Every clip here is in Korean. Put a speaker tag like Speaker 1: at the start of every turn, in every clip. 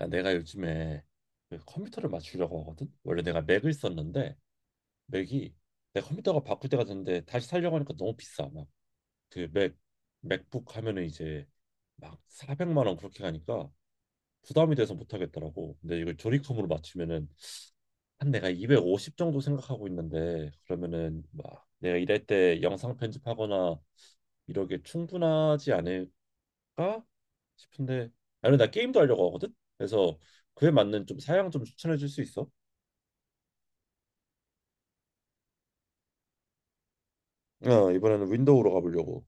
Speaker 1: 야, 내가 요즘에 그 컴퓨터를 맞추려고 하거든. 원래 내가 맥을 썼는데 맥이 내 컴퓨터가 바꿀 때가 됐는데 다시 살려고 하니까 너무 비싸. 막 그 맥 맥북 하면은 이제 막 400만 원 그렇게 가니까 부담이 돼서 못 하겠더라고. 근데 이걸 조리컴으로 맞추면은 한 내가 250 정도 생각하고 있는데 그러면은 막 내가 일할 때 영상 편집하거나 이러게 충분하지 않을까 싶은데. 아니, 나 게임도 하려고 하거든. 그래서 그에 맞는 좀 사양 좀 추천해 줄 수 있어? 어, 이번에는 윈도우로 가보려고.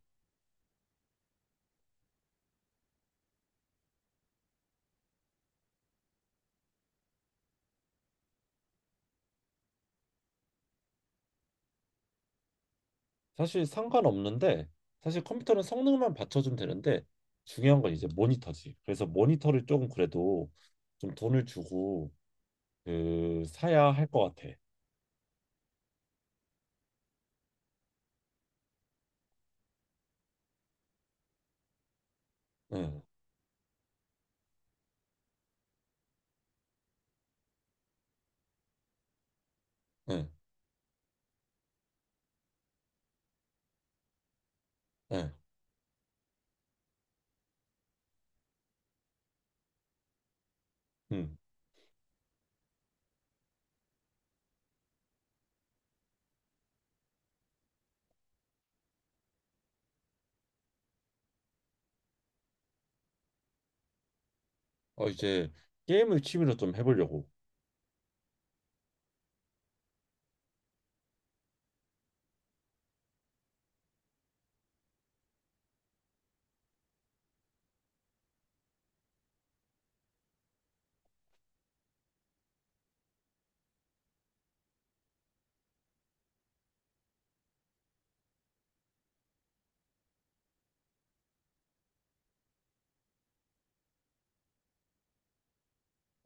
Speaker 1: 사실 상관없는데, 사실 컴퓨터는 성능만 받쳐주면 되는데, 중요한 건 이제 모니터지. 그래서 모니터를 조금 그래도 좀 돈을 주고, 그, 사야 할 것 같아. 응, 응, 응, 응. 어, 이제 게임을 취미로 좀 해보려고.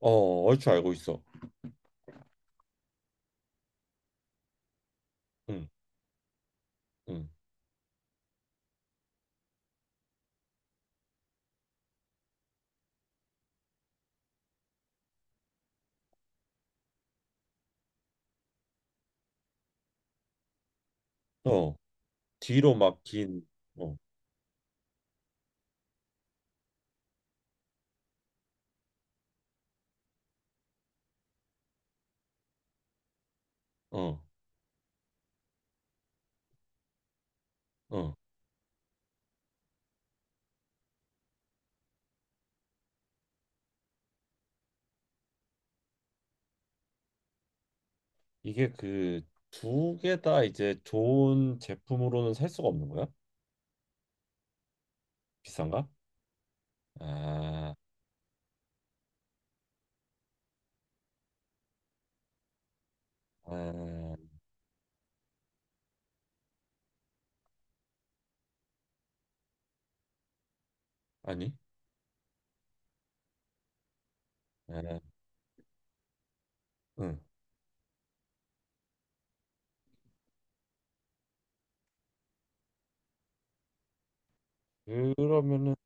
Speaker 1: 어, 얼추 알고 있어. 응, 응. 어, 뒤로 막 긴. 어. 어. 어. 이게 그 두 개 다 이제 좋은 제품으로는 살 수가 없는 거야? 비싼가? 아, 아, 아니, 아, 응. 그러면은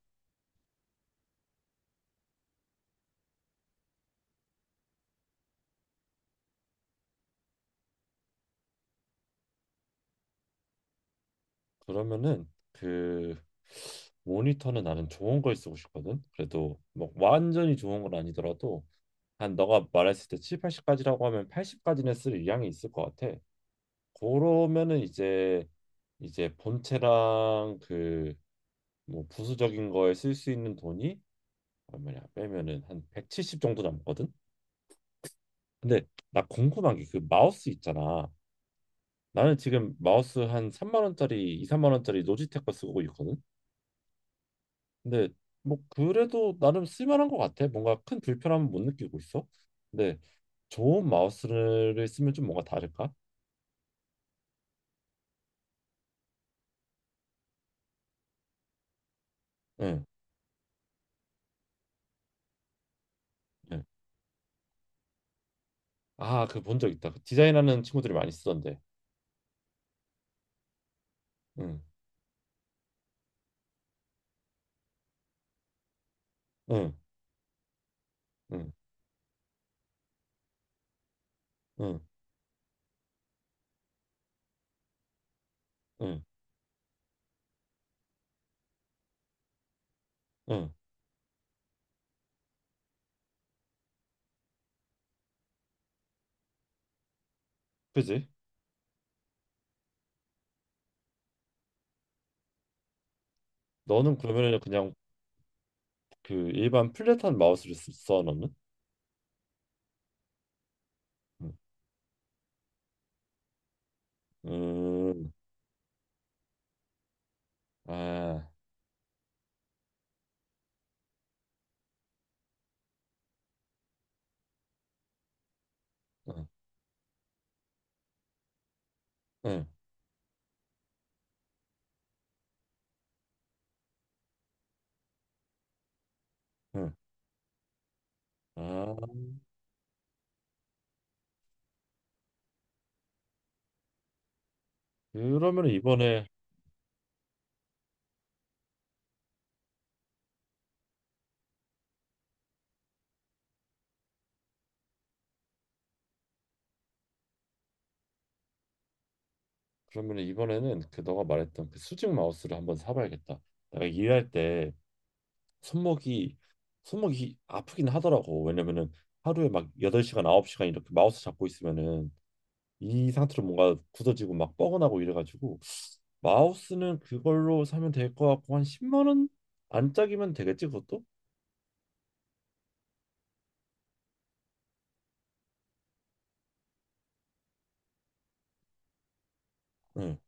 Speaker 1: 그러면은 그 모니터는 나는 좋은 걸 쓰고 싶거든. 그래도 뭐 완전히 좋은 건 아니더라도 한 너가 말했을 때 7, 80까지라고 하면 80까지는 쓸 의향이 있을 것 같아. 그러면은 이제 본체랑 그 뭐 부수적인 거에 쓸 수 있는 돈이 얼마냐 빼면은 한 170 정도 남거든. 근데 나 궁금한 게 그 마우스 있잖아. 나는 지금 마우스 한 3만 원짜리, 2, 3만 원짜리 노지텍 거 쓰고 있거든. 근데 뭐 그래도 나름 쓸만한 것 같아. 뭔가 큰 불편함은 못 느끼고 있어. 근데 좋은 마우스를 쓰면 좀 뭔가 다를까? 응. 응. 아, 그 본 적 있다. 그 디자인하는 친구들이 많이 쓰던데. 응. 응. 응. 응. 응. 응. 그지? 너는 그러면은 그냥 그 일반 플랫한 마우스를 써 너는? 응. 음. 아. 응. 응. 응. 아. 그러면 이번에 그러면 이번에는 그 너가 말했던 그 수직 마우스를 한번 사봐야겠다. 내가 일할 때 손목이 손목이 아프긴 하더라고. 왜냐면은 하루에 막 8시간, 9시간 이렇게 마우스 잡고 있으면은 이 상태로 뭔가 굳어지고 막 뻐근하고 이래가지고 마우스는 그걸로 사면 될 것 같고 한 10만 원 안짝이면 되겠지 그것도? 응.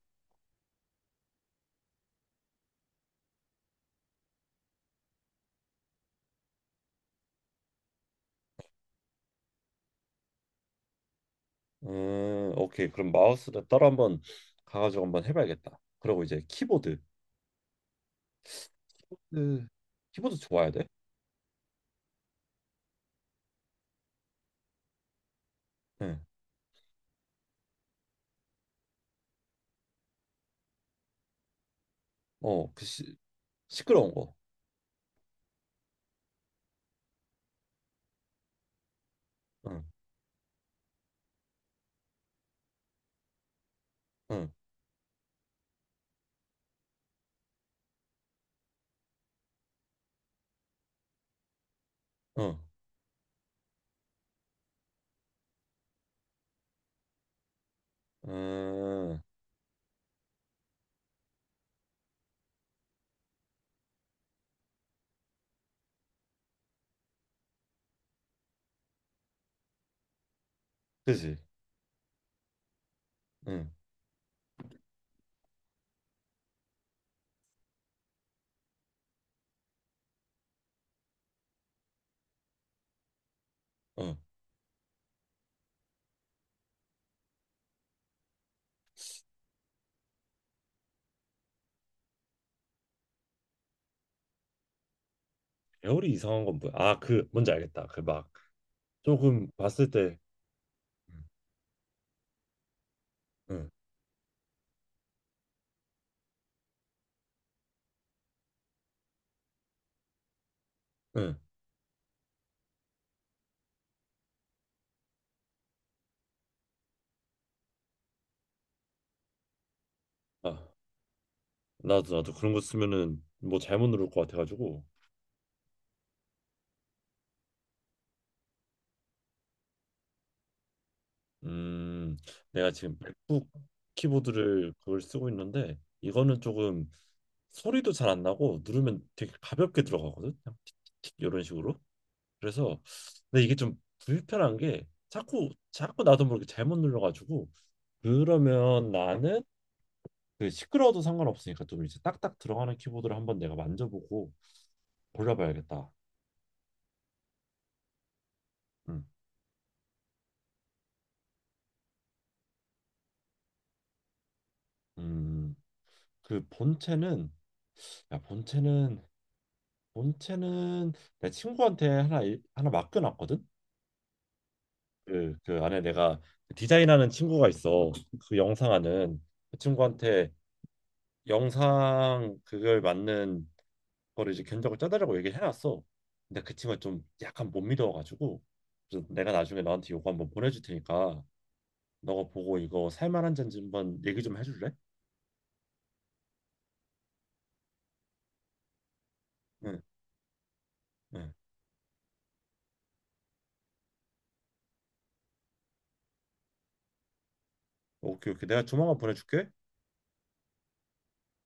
Speaker 1: 오케이. 그럼 마우스를 따로 한번 가가지고 한번 해봐야겠다. 그리고 이제 키보드. 네. 키보드 좋아야 돼? 응. 어, 그 시끄러운 거. 응, 응, 응, 응, 그지. 응, 응. 배열이 이상한 건 뭐야? 아, 그 뭔지 알겠다. 그 막 조금 봤을 때. 응, 응, 응. 아, 나도 그런 거 쓰면은 뭐 잘못 누를 것 같아가지고. 음. 내가 지금 맥북 키보드를 그걸 쓰고 있는데 이거는 조금 소리도 잘 안 나고 누르면 되게 가볍게 들어가거든. 그냥 틱틱틱 이런 식으로. 그래서 근데 이게 좀 불편한 게 자꾸 자꾸 나도 모르게 잘못 눌러가지고 그러면 나는 그 시끄러워도 상관없으니까 좀 이제 딱딱 들어가는 키보드를 한번 내가 만져보고 골라봐야겠다. 음. 음. 그 본체는 야 본체는 본체는 내 친구한테 하나 맡겨놨거든. 그 안에 내가 디자인하는 친구가 있어. 그 영상하는 그 친구한테 영상 그걸 맞는 거를 이제 견적을 짜달라고 얘기를 해놨어. 근데 그 친구가 좀 약간 못 믿어가지고 그래서 내가 나중에 너한테 요거 한번 보내줄 테니까 너가 보고 이거 살만한 잔지 한번 얘기 좀 해줄래? 응, 응. 오케이, 오케이. 내가 조만간 보내줄게.